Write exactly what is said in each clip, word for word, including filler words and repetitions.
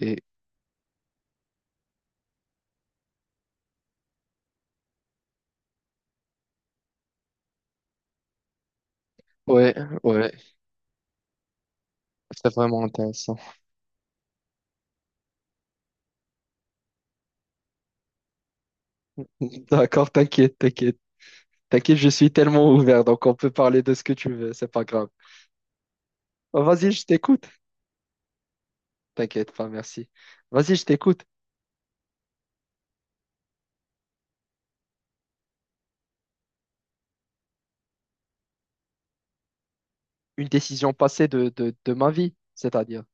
Et ouais, ouais, c'est vraiment intéressant. D'accord, t'inquiète, t'inquiète. T'inquiète, je suis tellement ouvert, donc on peut parler de ce que tu veux, c'est pas grave. Oh, vas-y, je t'écoute. T'inquiète pas, merci. Vas-y, je t'écoute. Une décision passée de, de, de ma vie, c'est-à-dire.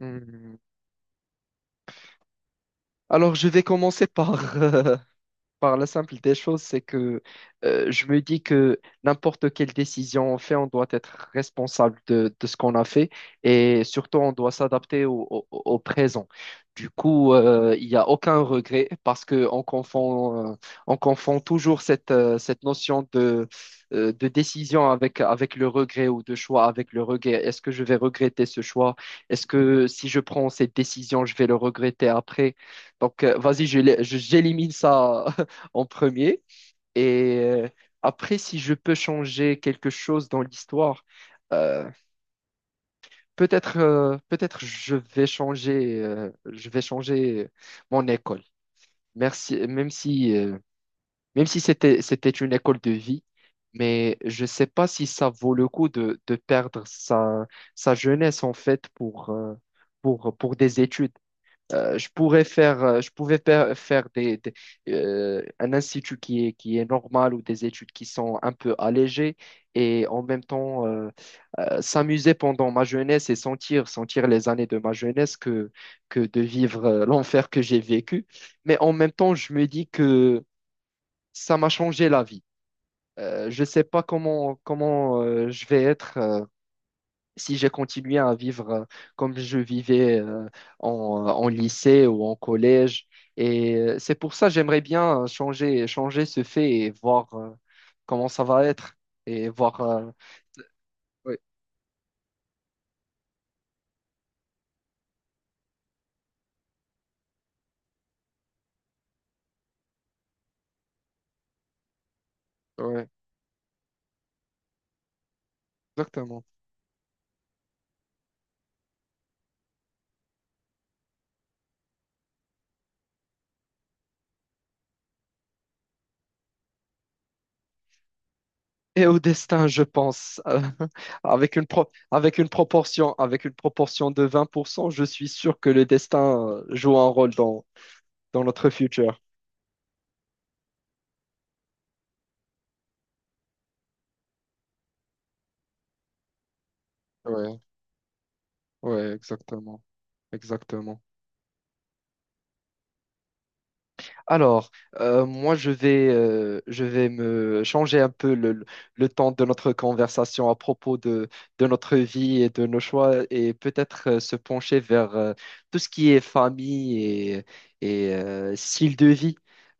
Hmm. Alors, je vais commencer par, par la simple des choses, c'est que euh, je me dis que n'importe quelle décision on fait, on doit être responsable de, de ce qu'on a fait et surtout on doit s'adapter au, au- au présent. Du coup, euh, il n'y a aucun regret parce qu'on confond, euh, on confond toujours cette, euh, cette notion de, euh, de décision avec, avec le regret ou de choix avec le regret. Est-ce que je vais regretter ce choix? Est-ce que si je prends cette décision, je vais le regretter après? Donc, euh, vas-y, je l'ai- je- j'élimine ça en premier. Et euh, Après, si je peux changer quelque chose dans l'histoire, euh, peut-être euh, peut-être je vais changer euh, je vais changer mon école. Merci, même si euh, même si c'était c'était une école de vie, mais je ne sais pas si ça vaut le coup de, de perdre sa sa jeunesse en fait pour euh, pour pour des études. Euh, je pourrais faire, euh, je pouvais pa- faire des, des- euh, un institut qui est, qui est normal ou des études qui sont un peu allégées et en même temps euh, euh, s'amuser pendant ma jeunesse et sentir, sentir les années de ma jeunesse que, que de vivre euh, l'enfer que j'ai vécu. Mais en même temps, je me dis que ça m'a changé la vie. Euh, je ne sais pas comment, comment euh, je vais être. euh, si j'ai continué à vivre euh, comme je vivais euh, en, euh, en lycée ou en collège. Et euh, c'est pour ça que j'aimerais bien euh, changer, changer ce fait et voir euh, comment ça va être. Et voir. Euh, ouais, ouais, exactement. Et au destin, je pense, euh, avec une pro- avec une proportion, avec une proportion de vingt pour cent je suis sûr que le destin euh, joue un rôle dans, dans notre futur. Ouais, ouais, exactement, exactement. Alors, euh, moi, je vais, euh, je vais me changer un peu le, le- le temps de notre conversation à propos de, de notre vie et de nos choix et peut-être euh, se pencher vers euh, tout ce qui est famille et, et, euh, style de vie.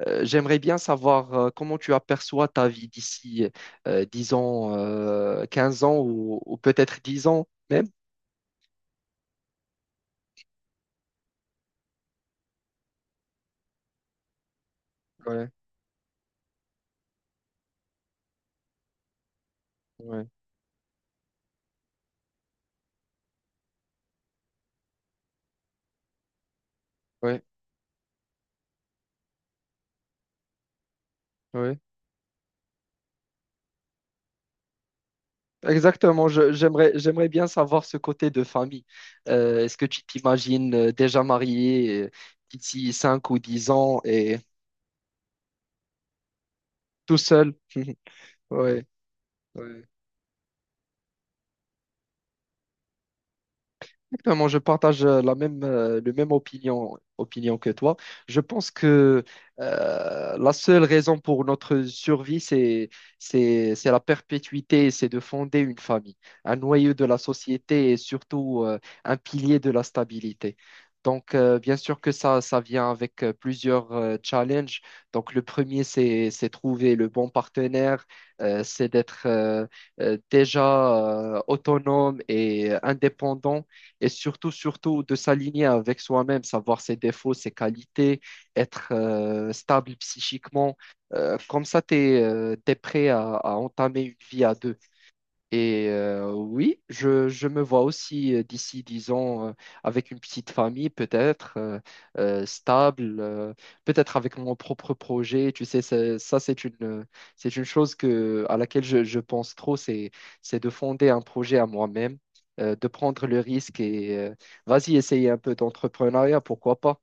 Euh, j'aimerais bien savoir euh, comment tu aperçois ta vie d'ici euh, dix ans, euh, quinze ans ou, ou peut-être dix ans même. Ouais, ouais, ouais, ouais. Exactement, je- j'aimerais, j'aimerais bien savoir ce côté de famille. Euh, est-ce que tu t'imagines euh, déjà marié euh, d'ici cinq ou dix ans et tout seul? Ouais, ouais. Exactement, je partage euh, la même, euh, le même opinion, opinion que toi. Je pense que euh, la seule raison pour notre survie, c'est, c'est, c'est la perpétuité, c'est de fonder une famille, un noyau de la société et surtout euh, un pilier de la stabilité. Donc, euh, bien sûr que ça, ça vient avec euh, plusieurs euh, challenges. Donc, le premier, c'est, c'est trouver le bon partenaire, euh, c'est d'être euh, euh, déjà euh, autonome et euh, indépendant et surtout, surtout de s'aligner avec soi-même, savoir ses défauts, ses qualités, être euh, stable psychiquement. Euh, comme ça, tu es prêt à, à entamer une vie à deux. Et euh, oui, je, je me vois aussi euh, d'ici dix ans euh, avec une petite famille, peut-être euh, euh, stable, euh, peut-être avec mon propre projet. Tu sais, ça, ça, c'est une, euh, c'est une chose que, à laquelle je, je pense trop, c'est, c'est de fonder un projet à moi-même, euh, de prendre le risque et euh, vas-y, essayer un peu d'entrepreneuriat, pourquoi pas.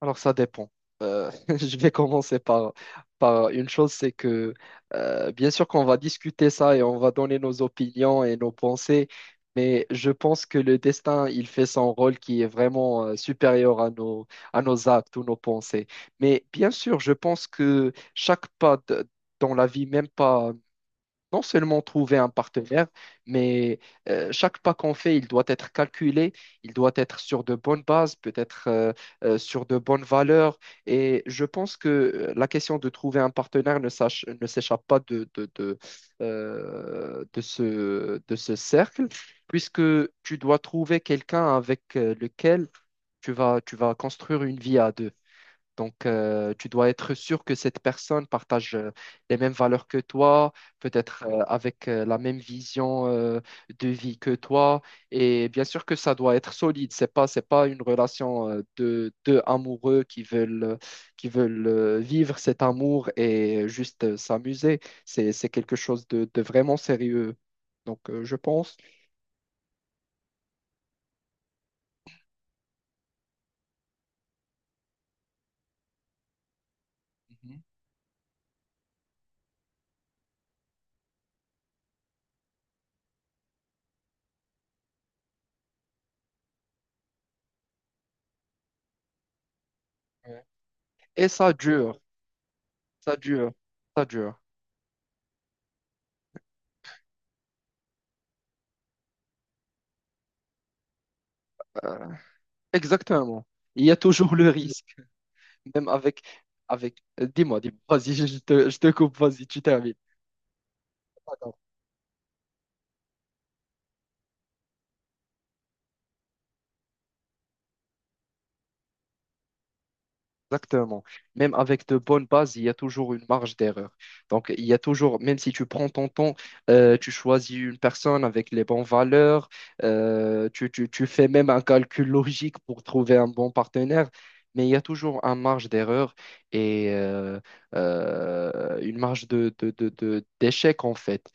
Alors ça dépend. Euh, je vais commencer par, par une chose, c'est que euh, bien sûr qu'on va discuter ça et on va donner nos opinions et nos pensées, mais je pense que le destin, il fait son rôle qui est vraiment euh, supérieur à nos, à nos actes ou nos pensées. Mais bien sûr, je pense que chaque pas de- dans la vie, même pas non seulement trouver un partenaire, mais euh, chaque pas qu'on fait, il doit être calculé, il doit être sur de bonnes bases, peut-être euh, euh, sur de bonnes valeurs. Et je pense que euh, la question de trouver un partenaire ne s'ach- ne s'échappe pas de, de, de, euh, de ce, de ce cercle, puisque tu dois trouver quelqu'un avec euh, lequel tu vas, tu vas construire une vie à deux. Donc, euh, tu dois être sûr que cette personne partage euh, les mêmes valeurs que toi, peut-être euh, avec euh, la même vision euh, de vie que toi. Et bien sûr que ça doit être solide. C'est pas, c'est pas une relation euh, de deux amoureux qui veulent, euh, qui veulent euh, vivre cet amour et juste euh, s'amuser. C'est, c'est quelque chose de, de vraiment sérieux. Donc, euh, je pense. Mhm. Ouais. Et ça dure, ça dure, ça dure. Euh, Exactement. Il y a toujours le risque. Même avec, avec, euh, dis-moi, dis-moi, vas-y, je je te, je te coupe, vas-y, tu termines. D'accord. Exactement. Même avec de bonnes bases, il y a toujours une marge d'erreur. Donc, il y a toujours, même si tu prends ton temps, euh, tu choisis une personne avec les bonnes valeurs, euh, tu, tu, tu fais même un calcul logique pour trouver un bon partenaire, mais il y a toujours une marge d'erreur et euh, euh, une marge de, de, de, de- d'échec, en fait.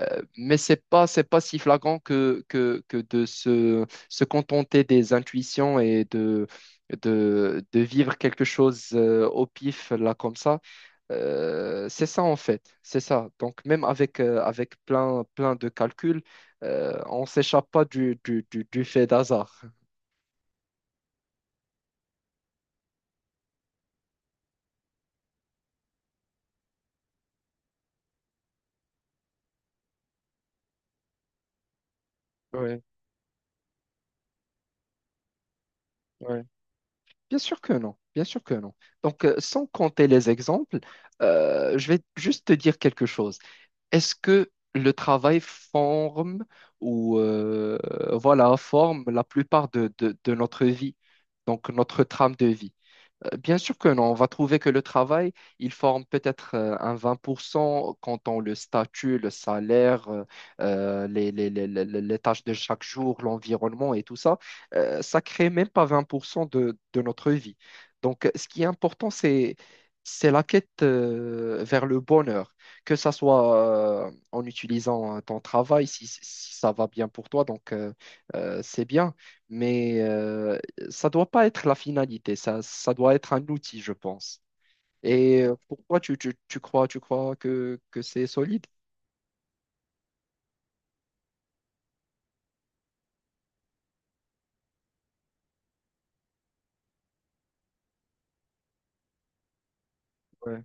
Euh, mais c'est pas c'est pas si flagrant que que, que de se, se contenter des intuitions et de de, de vivre quelque chose euh, au pif là comme ça. Euh, c'est ça en fait c'est ça, donc même avec euh, avec plein plein de calculs euh, on s'échappe pas du du, du, du fait d'hasard. Ouais, ouais. Bien sûr que non, bien sûr que non. Donc, euh, sans compter les exemples, euh, je vais juste te dire quelque chose. Est-ce que le travail forme ou euh, voilà, forme la plupart de, de- de notre vie, donc notre trame de vie? Euh, Bien sûr que non, on va trouver que le travail, il forme peut-être euh, un vingt pour cent quand on le statut, le salaire, euh, euh, les, les- les- les- les tâches de chaque jour, l'environnement et tout ça. Euh, ça crée même pas vingt pour cent de, de notre vie. Donc, euh, ce qui est important, c'est, c'est la quête euh, vers le bonheur, que ça soit euh, en utilisant euh, ton travail, si, si ça va bien pour toi, donc euh, euh, c'est bien. Mais euh, ça doit pas être la finalité, ça, ça doit être un outil, je pense. Et euh, pourquoi tu, tu, tu crois, tu crois que, que c'est solide? Ouais,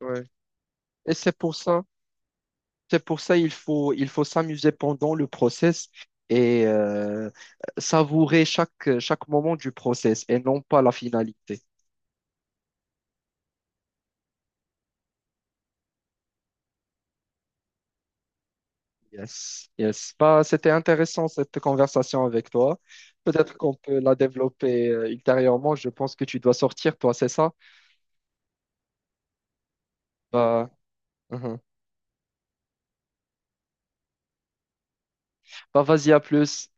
ouais. Et c'est pour ça, c'est pour ça il faut, il faut s'amuser pendant le process et euh, savourer chaque, chaque moment du process et non pas la finalité. Yes, yes. Bah, c'était intéressant cette conversation avec toi. Peut-être qu'on peut la développer euh, ultérieurement. Je pense que tu dois sortir, toi, c'est ça? Bah, mhm. Bah, vas-y, à plus.